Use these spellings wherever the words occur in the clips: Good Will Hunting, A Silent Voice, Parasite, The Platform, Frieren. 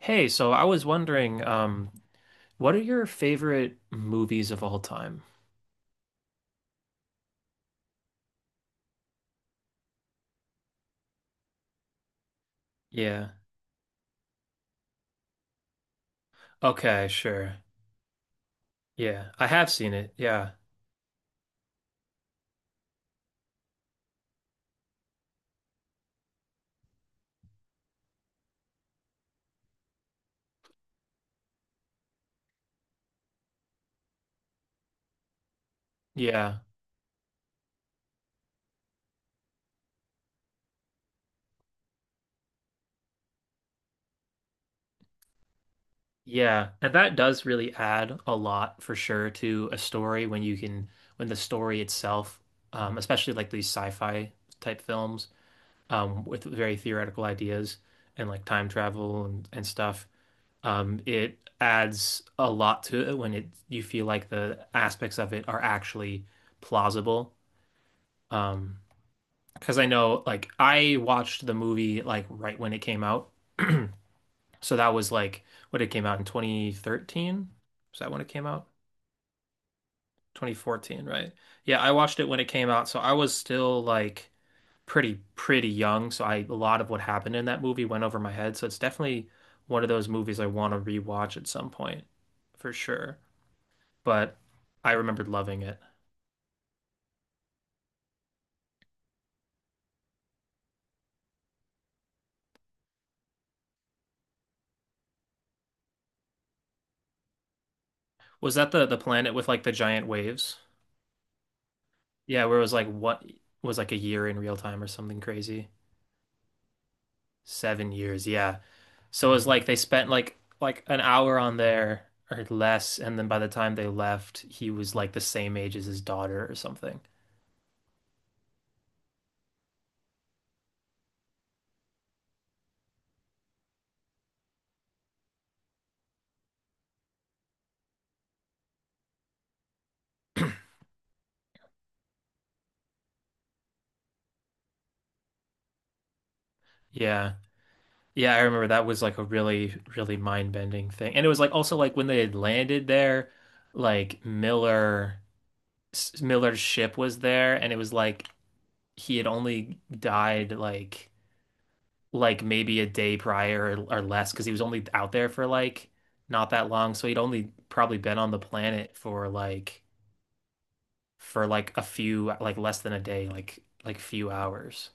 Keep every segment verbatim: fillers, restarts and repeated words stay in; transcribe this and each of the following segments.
Hey, so I was wondering, um, what are your favorite movies of all time? Yeah. Okay, sure. Yeah, I have seen it. Yeah. Yeah. Yeah. And that does really add a lot for sure to a story when you can, when the story itself, um, especially like these sci-fi type films, um, with very theoretical ideas and like time travel and, and stuff. Um, it adds a lot to it when it You feel like the aspects of it are actually plausible. Um, because I know like I watched the movie like right when it came out. So that was like what, it came out in twenty thirteen. Was that when it came out? twenty fourteen, right? Yeah, I watched it when it came out, so I was still like pretty pretty young, so I, a lot of what happened in that movie went over my head. So it's definitely one of those movies I want to rewatch at some point, for sure. But I remembered loving it. Was that the the planet with like the giant waves? Yeah, where it was like what, was like a year in real time or something crazy. Seven years, yeah. So it was like they spent like like an hour on there or less, and then by the time they left, he was like the same age as his daughter or something. Yeah. Yeah, I remember that was like a really, really mind-bending thing. And it was like also like when they had landed there, like Miller Miller's ship was there and it was like he had only died like like maybe a day prior or, or less because he was only out there for like not that long. So he'd only probably been on the planet for like for like a few, like less than a day, like like few hours.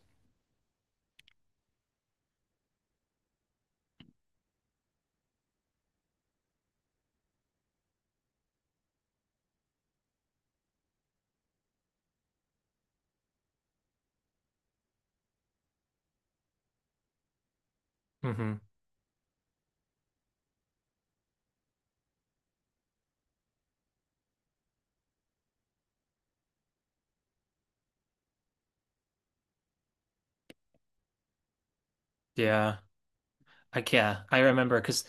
Hmm. Yeah. I, yeah, I remember because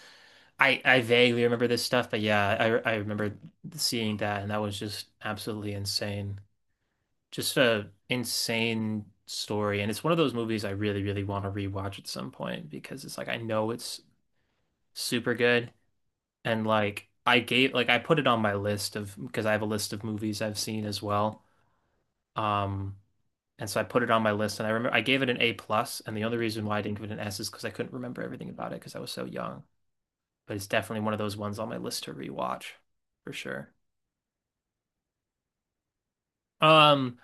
I I vaguely remember this stuff, but yeah, I I remember seeing that and that was just absolutely insane. Just a insane story. And it's one of those movies I really, really want to rewatch at some point because it's like I know it's super good. And like I gave, like I put it on my list of, because I have a list of movies I've seen as well. Um, and so I put it on my list and I remember I gave it an A plus and the only reason why I didn't give it an S is because I couldn't remember everything about it because I was so young. But it's definitely one of those ones on my list to rewatch for sure. Um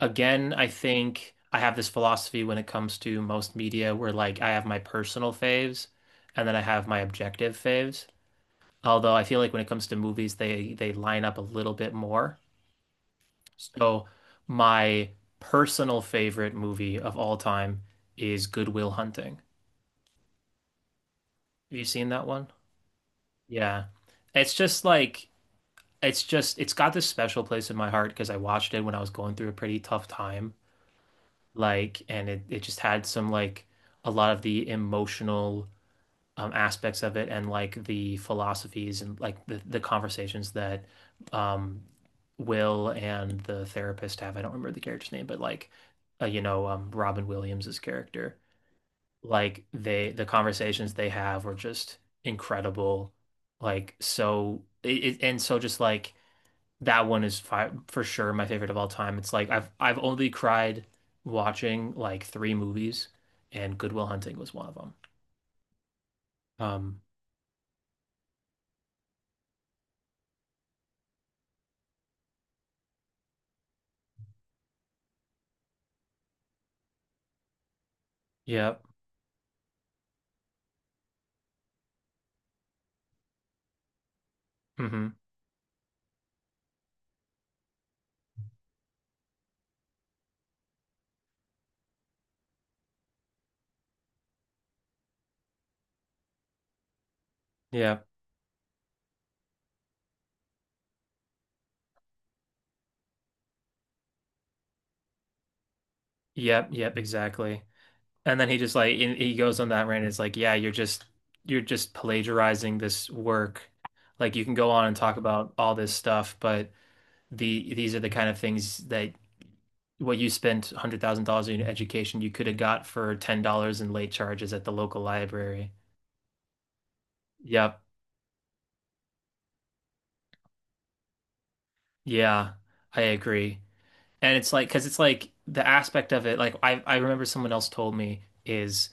Again, I think I have this philosophy when it comes to most media where like I have my personal faves and then I have my objective faves. Although I feel like when it comes to movies, they they line up a little bit more. So my personal favorite movie of all time is Good Will Hunting. Have you seen that one? Yeah. It's just like, it's just, it's got this special place in my heart because I watched it when I was going through a pretty tough time like, and it, it just had some like a lot of the emotional, um, aspects of it and like the philosophies and like the, the conversations that, um, Will and the therapist have, I don't remember the character's name but like, uh, you know, um, Robin Williams's character, like they, the conversations they have were just incredible, like so it, it and so just like that one is fi for sure my favorite of all time. It's like I've I've only cried watching like three movies, and Good Will Hunting was one of them. Um, yep, mm-hmm, yep, yep, yep, exactly. And then he just like in, he goes on that rant. It's like, yeah, you're just you're just plagiarizing this work. Like you can go on and talk about all this stuff, but the these are the kind of things that what you spent one hundred thousand dollars in education you could have got for ten dollars in late charges at the local library. Yep. Yeah, I agree. And it's like, because it's like the aspect of it, like I, I remember someone else told me is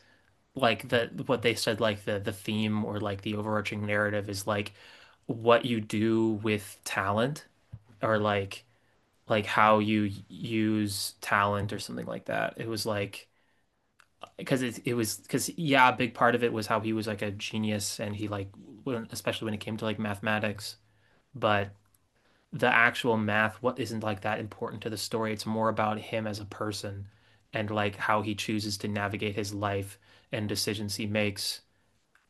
like the, what they said, like the the theme or like the overarching narrative is like what you do with talent, or like like how you use talent or something like that. It was like because it it was, because yeah, a big part of it was how he was like a genius and he like when, especially when it came to like mathematics, but the actual math, what, isn't like that important to the story, it's more about him as a person and like how he chooses to navigate his life and decisions he makes,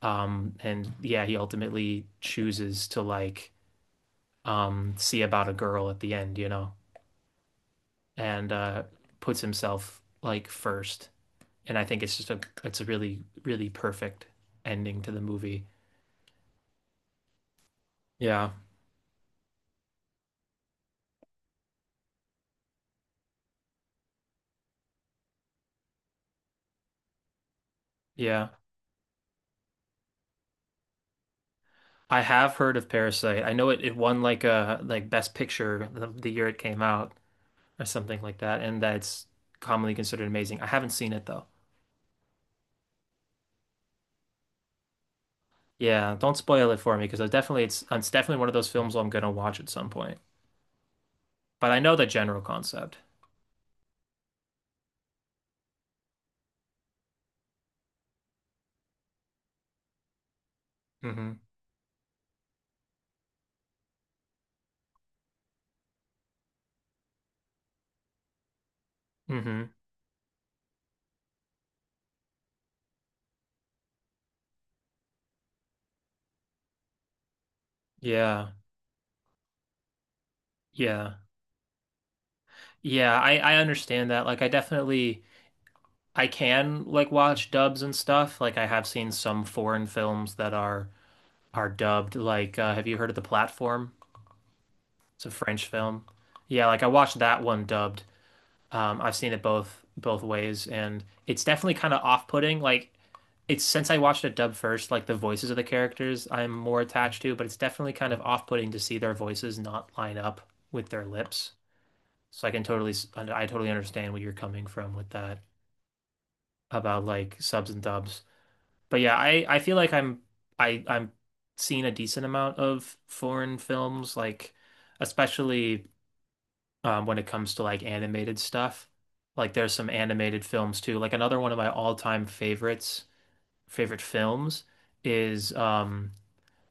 um, and yeah, he ultimately chooses to like, um, see about a girl at the end, you know, and, uh, puts himself like first, and I think it's just a, it's a really, really perfect ending to the movie. Yeah, yeah, I have heard of Parasite. I know it, it won like a like Best Picture the, the year it came out or something like that, and that's commonly considered amazing. I haven't seen it though. Yeah, don't spoil it for me because I definitely, it's it's definitely one of those films I'm gonna watch at some point. But I know the general concept. Hmm. Hmm. Yeah. Yeah. Yeah, I I understand that. Like I definitely, I can like watch dubs and stuff. Like I have seen some foreign films that are are dubbed. Like, uh, have you heard of The Platform? It's a French film. Yeah, like I watched that one dubbed. Um, I've seen it both both ways, and it's definitely kind of off-putting. Like it's, since I watched it dubbed first, like the voices of the characters I'm more attached to, but it's definitely kind of off-putting to see their voices not line up with their lips. So I can totally, I totally understand where you're coming from with that about like subs and dubs. But yeah, I I feel like I'm, I I'm seeing a decent amount of foreign films, like especially, um, when it comes to like animated stuff. Like there's some animated films too. Like another one of my all-time favorites, favorite films is, um,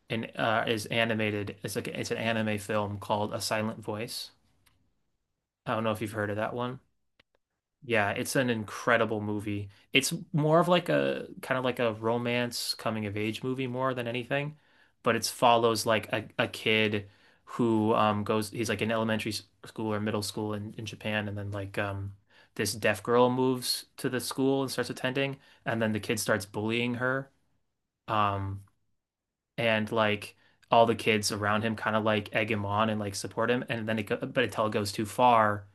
an uh is animated. It's like it's an anime film called A Silent Voice. I don't know if you've heard of that one. Yeah, it's an incredible movie. It's more of like a kind of like a romance coming of age movie more than anything, but it follows like a, a kid who, um, goes, he's like in elementary s- school or middle school in, in Japan, and then like, um, this deaf girl moves to the school and starts attending and then the kid starts bullying her, um, and like all the kids around him kind of like egg him on and like support him, and then it go, but until it goes too far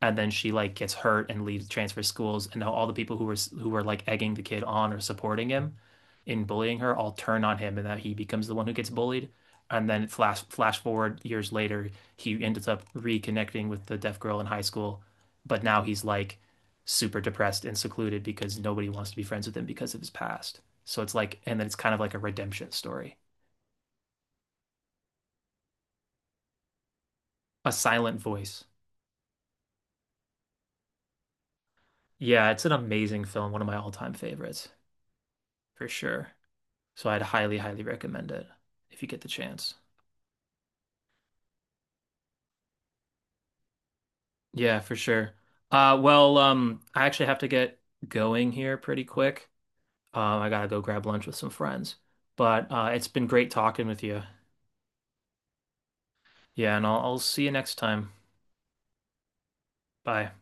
and then she like gets hurt and leaves, transfer schools, and now all the people who were, who were like egging the kid on or supporting him in bullying her all turn on him, and that he becomes the one who gets bullied, and then flash flash forward years later he ends up reconnecting with the deaf girl in high school but now he's like super depressed and secluded because nobody wants to be friends with him because of his past, so it's like, and then it's kind of like a redemption story. A silent voice. Yeah, it's an amazing film, one of my all-time favorites for sure. So I'd highly, highly recommend it if you get the chance. Yeah, for sure. Uh, well, um, I actually have to get going here pretty quick. Um, I gotta go grab lunch with some friends. But, uh, it's been great talking with you. Yeah, and I'll, I'll see you next time. Bye.